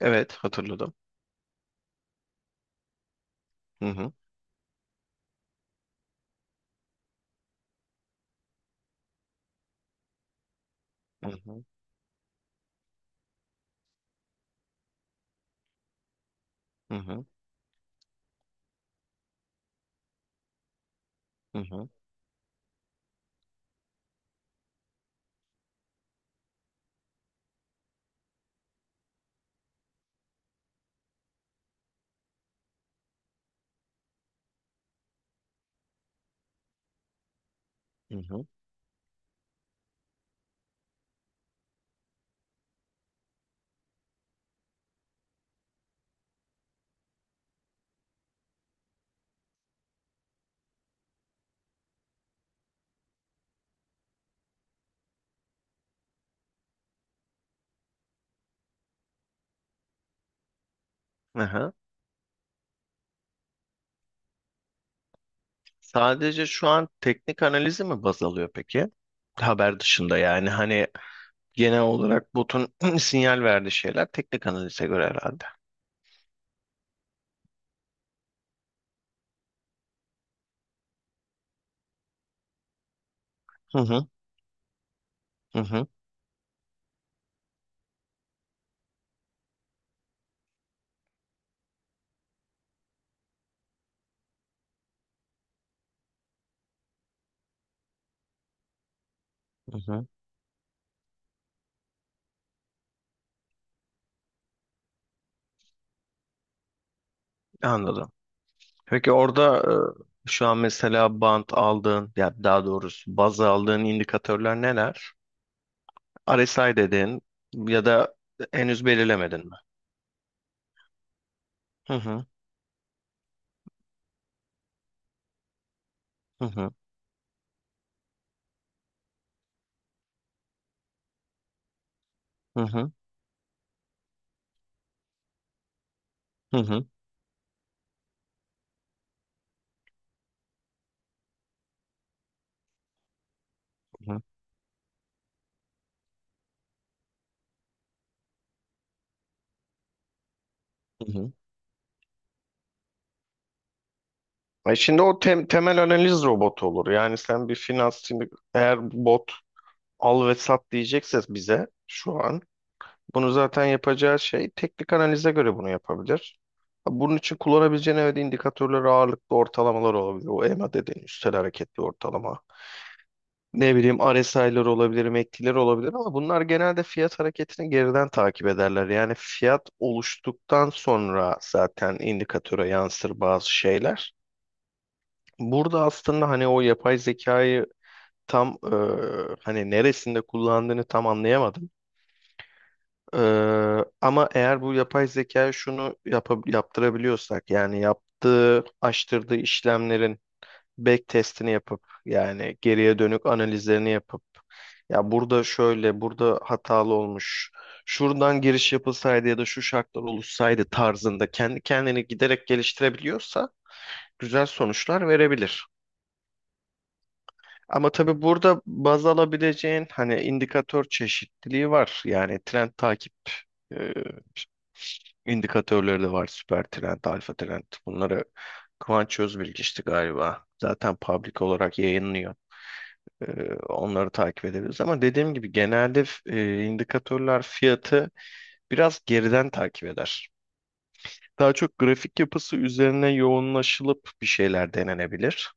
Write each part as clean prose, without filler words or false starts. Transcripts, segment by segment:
Evet, hatırladım. Hı hı, hı hı, hı hı, hı hı, hı hı. Aha. Sadece şu an teknik analizi mi baz alıyor peki? Haber dışında yani hani genel olarak botun sinyal verdiği şeyler teknik analize göre herhalde. Hı hı, hı hı, hı hı. Anladım. Peki orada şu an mesela bant aldığın ya daha doğrusu baz aldığın indikatörler neler? RSI dedin ya da henüz belirlemedin mi? Hı hı, hı hı, hı hı, hı hı, hı hı. Hı hı. E şimdi o temel analiz robotu olur. Yani sen bir finans şimdi eğer bot al ve sat diyecekse bize şu an bunu zaten yapacağı şey teknik analize göre bunu yapabilir. Bunun için kullanabileceğin evet indikatörler ağırlıklı ortalamalar olabilir. O EMA dediğin üstel hareketli ortalama. Ne bileyim RSI'lar olabilir, MACD'ler olabilir ama bunlar genelde fiyat hareketini geriden takip ederler. Yani fiyat oluştuktan sonra zaten indikatöre yansır bazı şeyler. Burada aslında hani o yapay zekayı tam hani neresinde kullandığını tam anlayamadım. Ama eğer bu yapay zeka şunu yaptırabiliyorsak yani yaptığı, açtırdığı işlemlerin back testini yapıp yani geriye dönük analizlerini yapıp ya burada şöyle, burada hatalı olmuş. Şuradan giriş yapılsaydı ya da şu şartlar oluşsaydı tarzında kendi kendini giderek geliştirebiliyorsa güzel sonuçlar verebilir. Ama tabii burada baz alabileceğin hani indikatör çeşitliliği var. Yani trend takip e, indikatörleri de var. Süper trend, alfa trend. Bunları Kıvanç Özbilgiç'ti galiba. Zaten public olarak yayınlıyor. E, onları takip edebiliriz. Ama dediğim gibi genelde indikatörler fiyatı biraz geriden takip eder. Daha çok grafik yapısı üzerine yoğunlaşılıp bir şeyler denenebilir.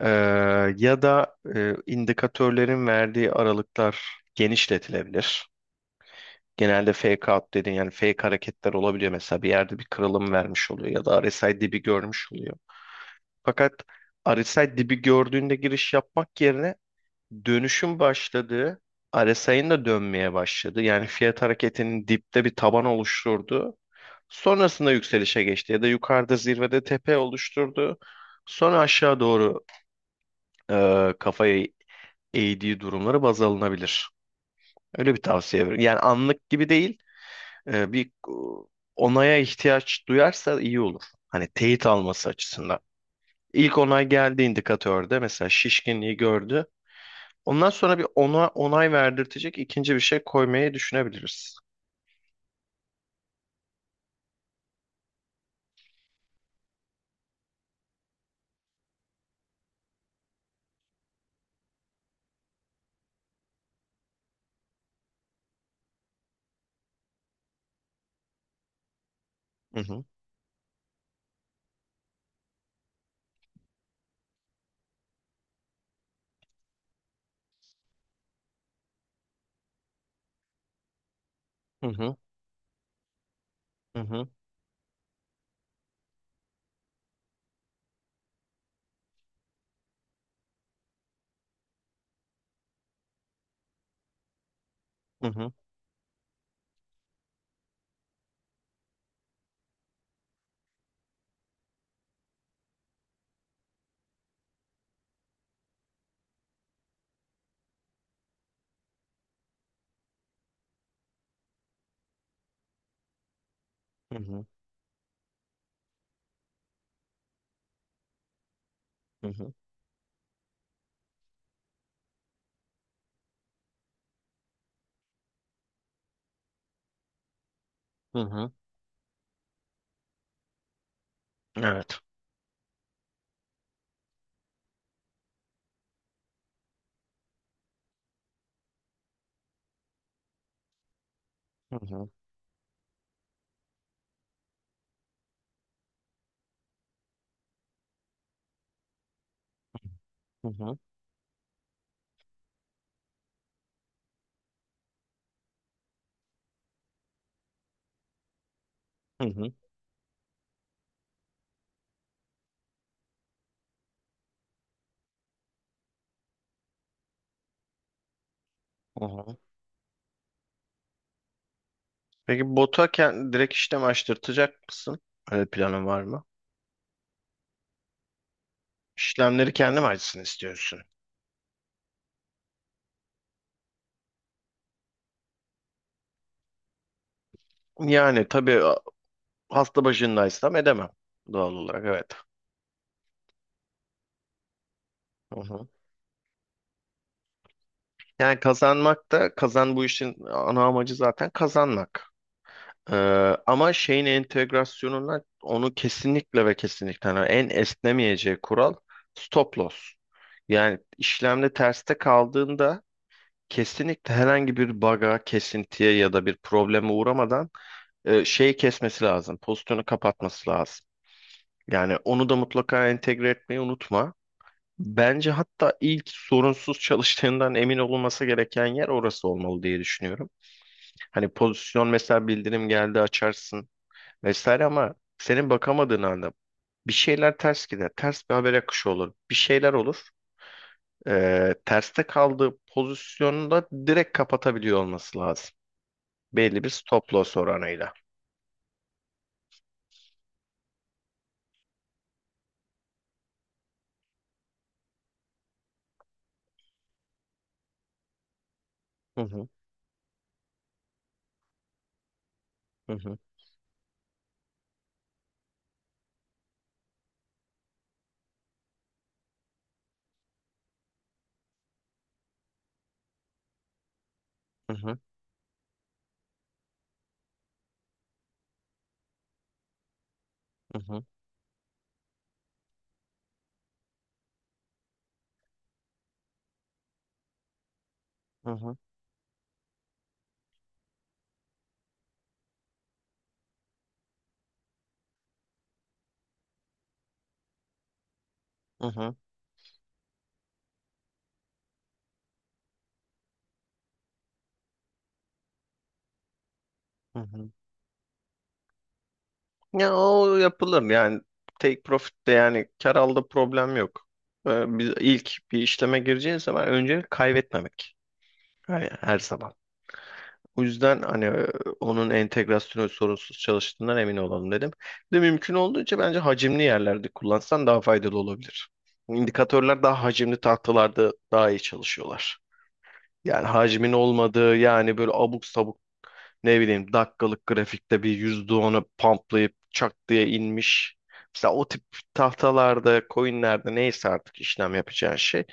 Ee, Ya da indikatörlerin verdiği aralıklar genişletilebilir. Genelde fake out dediğin yani fake hareketler olabiliyor mesela bir yerde bir kırılım vermiş oluyor ya da RSI dibi görmüş oluyor. Fakat RSI dibi gördüğünde giriş yapmak yerine dönüşün başladığı RSI'nin de dönmeye başladı. Yani fiyat hareketinin dipte bir taban oluşturdu. Sonrasında yükselişe geçti ya da yukarıda zirvede tepe oluşturdu. Sonra aşağı doğru kafayı AD durumları baz alınabilir. Öyle bir tavsiye veriyorum. Yani anlık gibi değil, bir onaya ihtiyaç duyarsa iyi olur. Hani teyit alması açısından. İlk onay geldi indikatörde mesela şişkinliği gördü. Ondan sonra bir ona onay verdirtecek ikinci bir şey koymayı düşünebiliriz. Hı hı. Hı hı. Hı hı. Hı hı. Hı hı. Hı hı. Hı hı. Evet. Hı hı. Hı hı. Hı hı. Hı hı. Peki botu direkt işlem açtırtacak mısın? Öyle planın var mı? İşlemleri kendim açsın istiyorsun. Yani tabii hasta başındaysam edemem doğal olarak evet. Hı hı. Yani kazanmak da kazan bu işin ana amacı zaten kazanmak. Ee, Ama şeyin entegrasyonuna onu kesinlikle ve kesinlikle yani en esnemeyeceği kural stop loss. Yani işlemde terste kaldığında kesinlikle herhangi bir bug'a, kesintiye ya da bir probleme uğramadan şeyi kesmesi lazım. Pozisyonu kapatması lazım. Yani onu da mutlaka entegre etmeyi unutma. Bence hatta ilk sorunsuz çalıştığından emin olunması gereken yer orası olmalı diye düşünüyorum. Hani pozisyon mesela bildirim geldi açarsın vesaire ama senin bakamadığın anda bir şeyler ters gider. Ters bir haber akışı olur. Bir şeyler olur. Terste kaldığı pozisyonu da direkt kapatabiliyor olması lazım. Belli bir stop loss oranıyla. Hı hı, hı hı, hı hı, hı hı, hı hı, hı hı, hı. Ya o yapılır yani take profit'te yani kar alda problem yok. Biz ilk bir işleme gireceğiz zaman önce kaybetmemek. Yani her zaman. O yüzden hani onun entegrasyonu sorunsuz çalıştığından emin olalım dedim. Bir de mümkün olduğunca bence hacimli yerlerde kullansan daha faydalı olabilir. İndikatörler daha hacimli tahtalarda daha iyi çalışıyorlar. Yani hacmin olmadığı yani böyle abuk sabuk ne bileyim dakikalık grafikte bir %10'u pamplayıp çak diye inmiş. Mesela o tip tahtalarda, coinlerde neyse artık işlem yapacağın şey,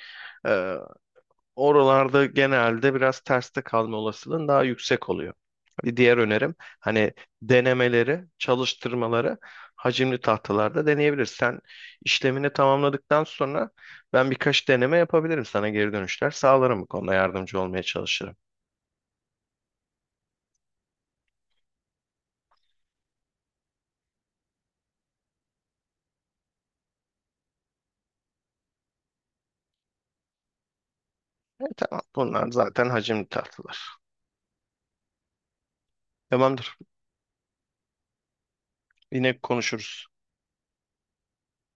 oralarda genelde biraz terste kalma olasılığın daha yüksek oluyor. Bir diğer önerim hani denemeleri, çalıştırmaları hacimli tahtalarda deneyebilirsin. Sen işlemini tamamladıktan sonra ben birkaç deneme yapabilirim sana geri dönüşler sağlarım bu konuda yardımcı olmaya çalışırım. E, tamam bunlar zaten hacimli tahtalar. Tamamdır. Yine konuşuruz.